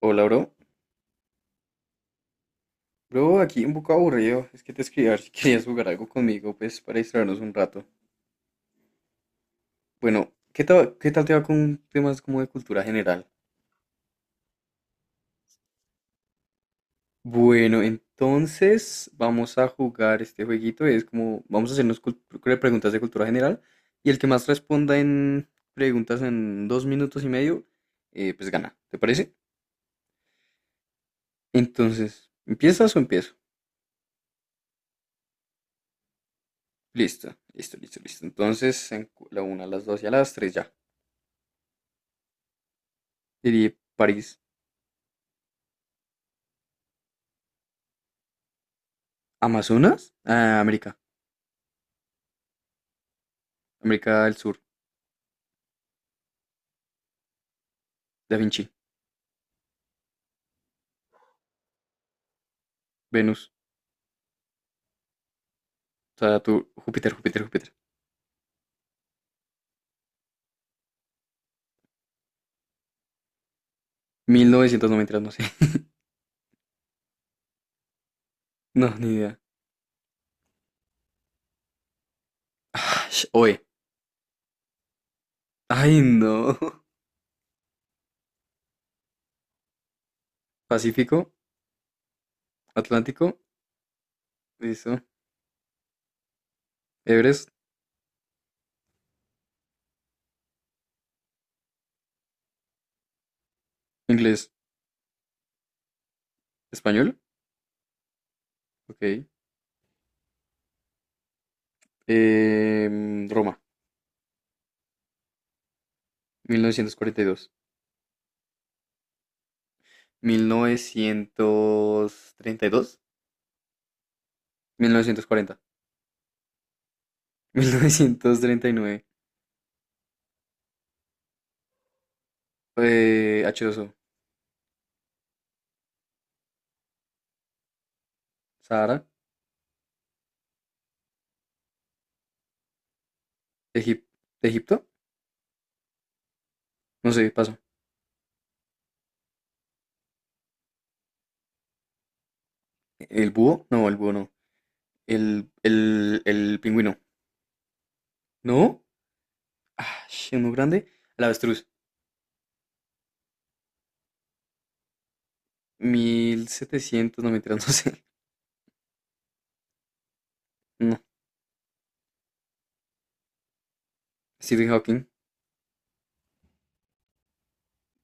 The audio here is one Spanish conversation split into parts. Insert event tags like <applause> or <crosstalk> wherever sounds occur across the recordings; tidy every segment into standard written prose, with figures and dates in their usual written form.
Hola, bro. Bro, aquí un poco aburrido. Es que te escribí a ver si <laughs> querías jugar algo conmigo, pues, para distraernos un rato. Bueno, ¿qué tal te va con temas como de cultura general? Bueno, entonces vamos a jugar este jueguito. Es como, vamos a hacernos preguntas de cultura general. Y el que más responda en preguntas en 2 minutos y medio, pues gana. ¿Te parece? Entonces, ¿empiezas o empiezo? Listo, listo, listo, listo. Entonces, la una, a las dos y a las tres ya. Diría París. Amazonas, ah, América. América del Sur. Da Vinci. Venus, Saturno, Júpiter, Júpiter, Júpiter. 1993, no sé. <laughs> No, ni idea. Ash, Oe. Ay, no. <laughs> Pacífico. Atlántico, listo. Everest. Inglés, español, ok. Roma. 1942. 1932, 1940, 1939. <laughs> H2O. Sahara. Egip- Egipto, no sé, paso. ¿El búho? No, el búho no. El pingüino. ¿No? Ah, uno grande. El avestruz. 1700, no me <laughs> no sé. No. Stephen Hawking.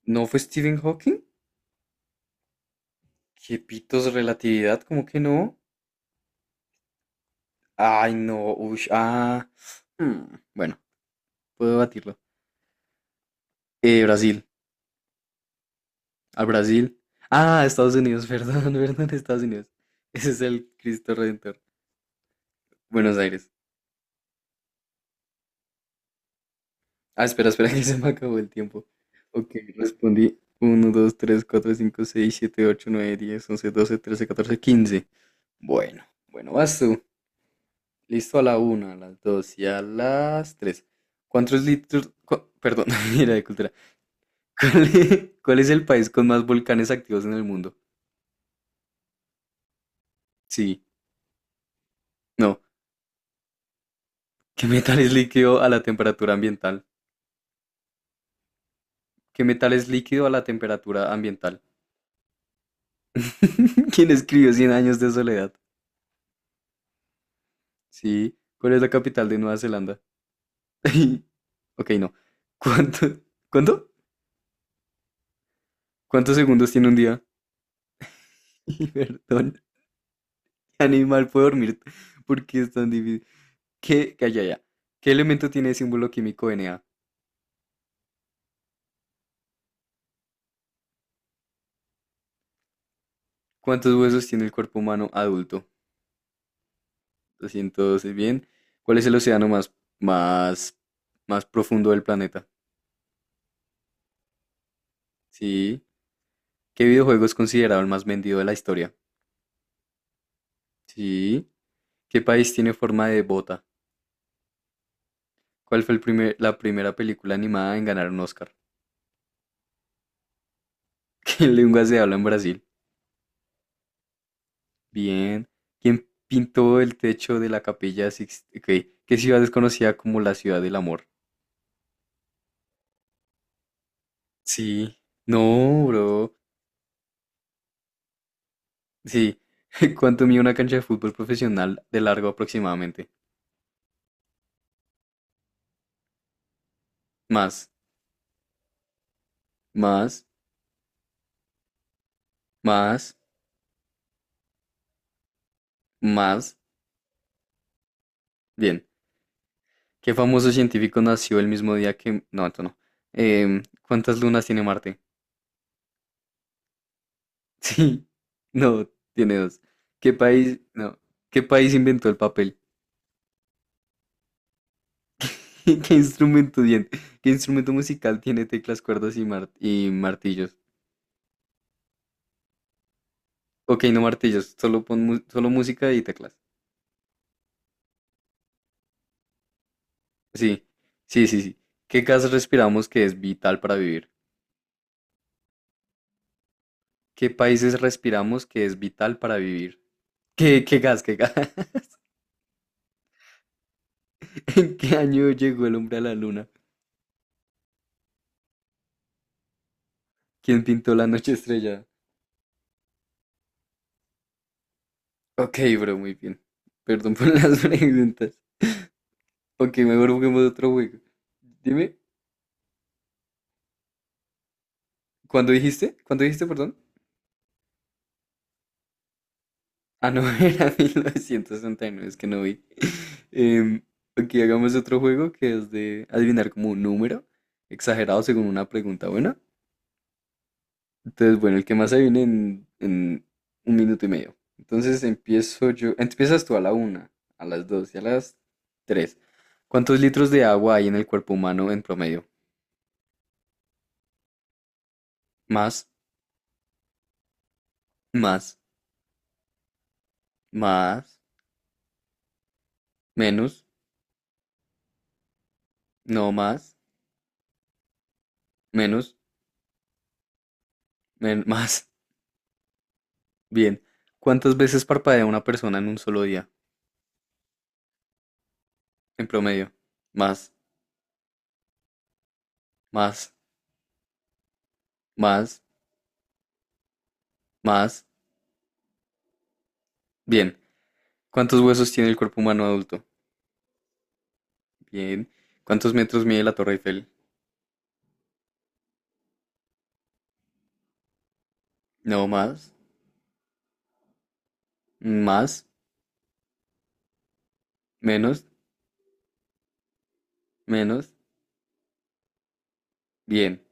¿No fue Stephen Hawking? ¿Qué pitos relatividad? ¿Cómo que no? Ay, no. Ush, ah. Mm, bueno, puedo debatirlo. Brasil. Al Brasil. Ah, Estados Unidos, <laughs> perdón, perdón, Estados Unidos. Ese es el Cristo Redentor. Buenos Aires. Ah, espera, espera, <laughs> que se me acabó el tiempo. Ok, respondí uno, 2, 3, 4, 5, 6, 7, 8, 9, 10, 11, 12, 13, 14, 15. Bueno, bueno, vas tú. Listo a la una, a las 2 y a las 3. ¿Cuántos litros? Perdón, <laughs> mira de cultura. ¿Cuál <laughs> es el país con más volcanes activos en el mundo? Sí, no. ¿Qué metal es líquido a la temperatura ambiental? ¿Qué metal es líquido a la temperatura ambiental? <laughs> ¿Quién escribió Cien años de soledad? Sí. ¿Cuál es la capital de Nueva Zelanda? <laughs> Ok, no. ¿Cuánto? ¿Cuánto? ¿Cuántos segundos tiene un día? <laughs> Perdón. Animal puede dormir. ¿Por qué es tan difícil? ¿Qué? Calla ya. ¿Qué elemento tiene el símbolo químico Na? ¿Cuántos huesos tiene el cuerpo humano adulto? 212. Bien. ¿Cuál es el océano más, más profundo del planeta? Sí. ¿Qué videojuego es considerado el más vendido de la historia? Sí. ¿Qué país tiene forma de bota? ¿Cuál fue la primera película animada en ganar un Oscar? <laughs> ¿Qué lengua se habla en Brasil? Bien. ¿Quién pintó el techo de la capilla Sixt-? Ok. ¿Qué ciudad es conocida como la ciudad del amor? Sí. No, bro. Sí. <laughs> ¿Cuánto mide una cancha de fútbol profesional de largo aproximadamente? Más, más, más, más. Bien. ¿Qué famoso científico nació el mismo día que... No, esto no. ¿Cuántas lunas tiene Marte? <laughs> Sí, no, tiene dos. ¿Qué país, no, qué país inventó el papel? <laughs> ¿Qué instrumento dien- qué instrumento musical tiene teclas, cuerdas y martillos? Ok, no martillos, solo pon solo música y teclas. Sí, sí, sí, sí. ¿Qué gas respiramos que es vital para vivir? ¿Qué países respiramos que es vital para vivir? ¿Qué gas, qué gas? <laughs> ¿En qué año llegó el hombre a la luna? ¿Quién pintó la noche estrellada? Ok, bro, muy bien. Perdón por las <laughs> preguntas. Ok, mejor juguemos otro juego. Dime, ¿cuándo dijiste? ¿Cuándo dijiste, perdón? Ah, no, <laughs> era 1969 es que no vi. <laughs> Em, ok, hagamos otro juego que es de adivinar como un número exagerado según una pregunta buena. Entonces, bueno, el que más adivine en 1 minuto y medio. Entonces empiezo yo. Empiezas tú a la una, a las dos y a las tres. ¿Cuántos litros de agua hay en el cuerpo humano en promedio? Más, más, más, menos, no más. Menos, <laughs> más, bien. ¿Cuántas veces parpadea una persona en un solo día? En promedio. Más, más, más, más. Bien. ¿Cuántos huesos tiene el cuerpo humano adulto? Bien. ¿Cuántos metros mide la Torre Eiffel? No, más, más, menos, menos. Bien.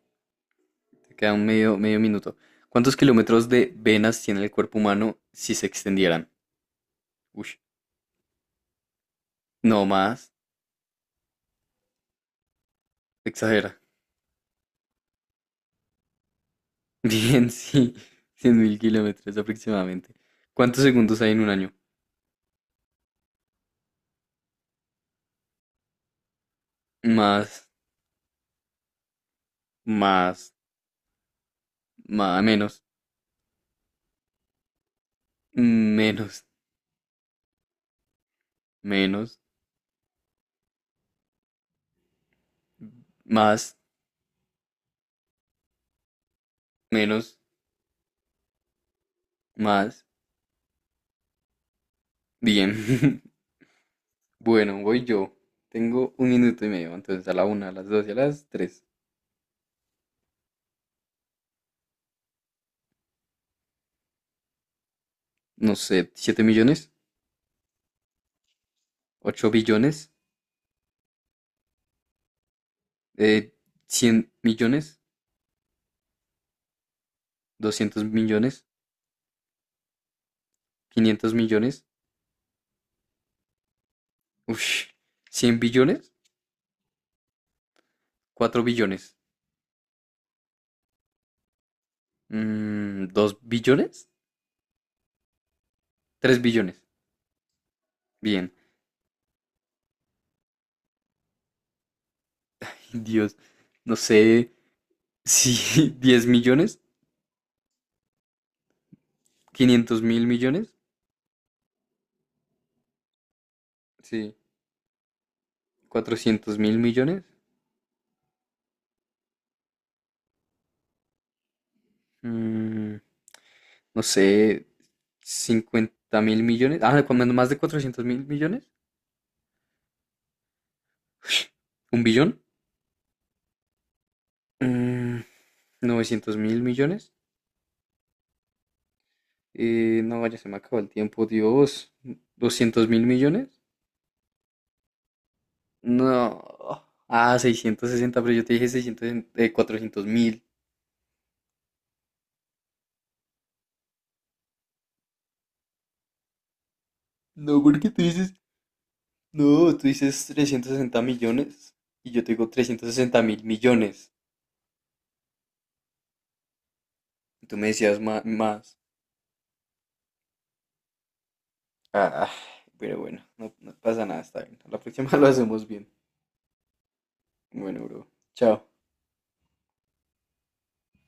Te queda un medio, medio minuto. ¿Cuántos kilómetros de venas tiene el cuerpo humano si se extendieran? Ush. No más. Exagera. <laughs> Bien, sí, 100.000 kilómetros aproximadamente. ¿Cuántos segundos hay en un año? Más, más, más, menos, menos, menos, más, menos, más. Bien. <laughs> Bueno, voy yo. Tengo 1 minuto y medio, entonces a la una, a las dos y a las tres. No sé, siete millones, ocho billones, eh, 100 millones, 200 millones, 500 millones, uff, 100 billones, 4 billones. ¿Dos billones? Tres billones. Bien. <laughs> Dios. No sé si <laughs> 10 millones, 500 mil millones, sí, cuatrocientos mil millones, mm, no sé, cincuenta mil millones, ah, cuando más de 400 mil millones, <laughs> un billón, mm, 900 mil millones, no vaya, se me acabó el tiempo, Dios, 200 mil millones, no, ah, 660, pero yo te dije 600, 400 mil. No, porque tú dices, no, tú dices 360 millones y yo te digo trescientos sesenta mil millones. Y tú me decías más. Ah, ah, pero bueno, no, no pasa nada, está bien. A la próxima <laughs> lo hacemos bien. Bueno, bro. Chao.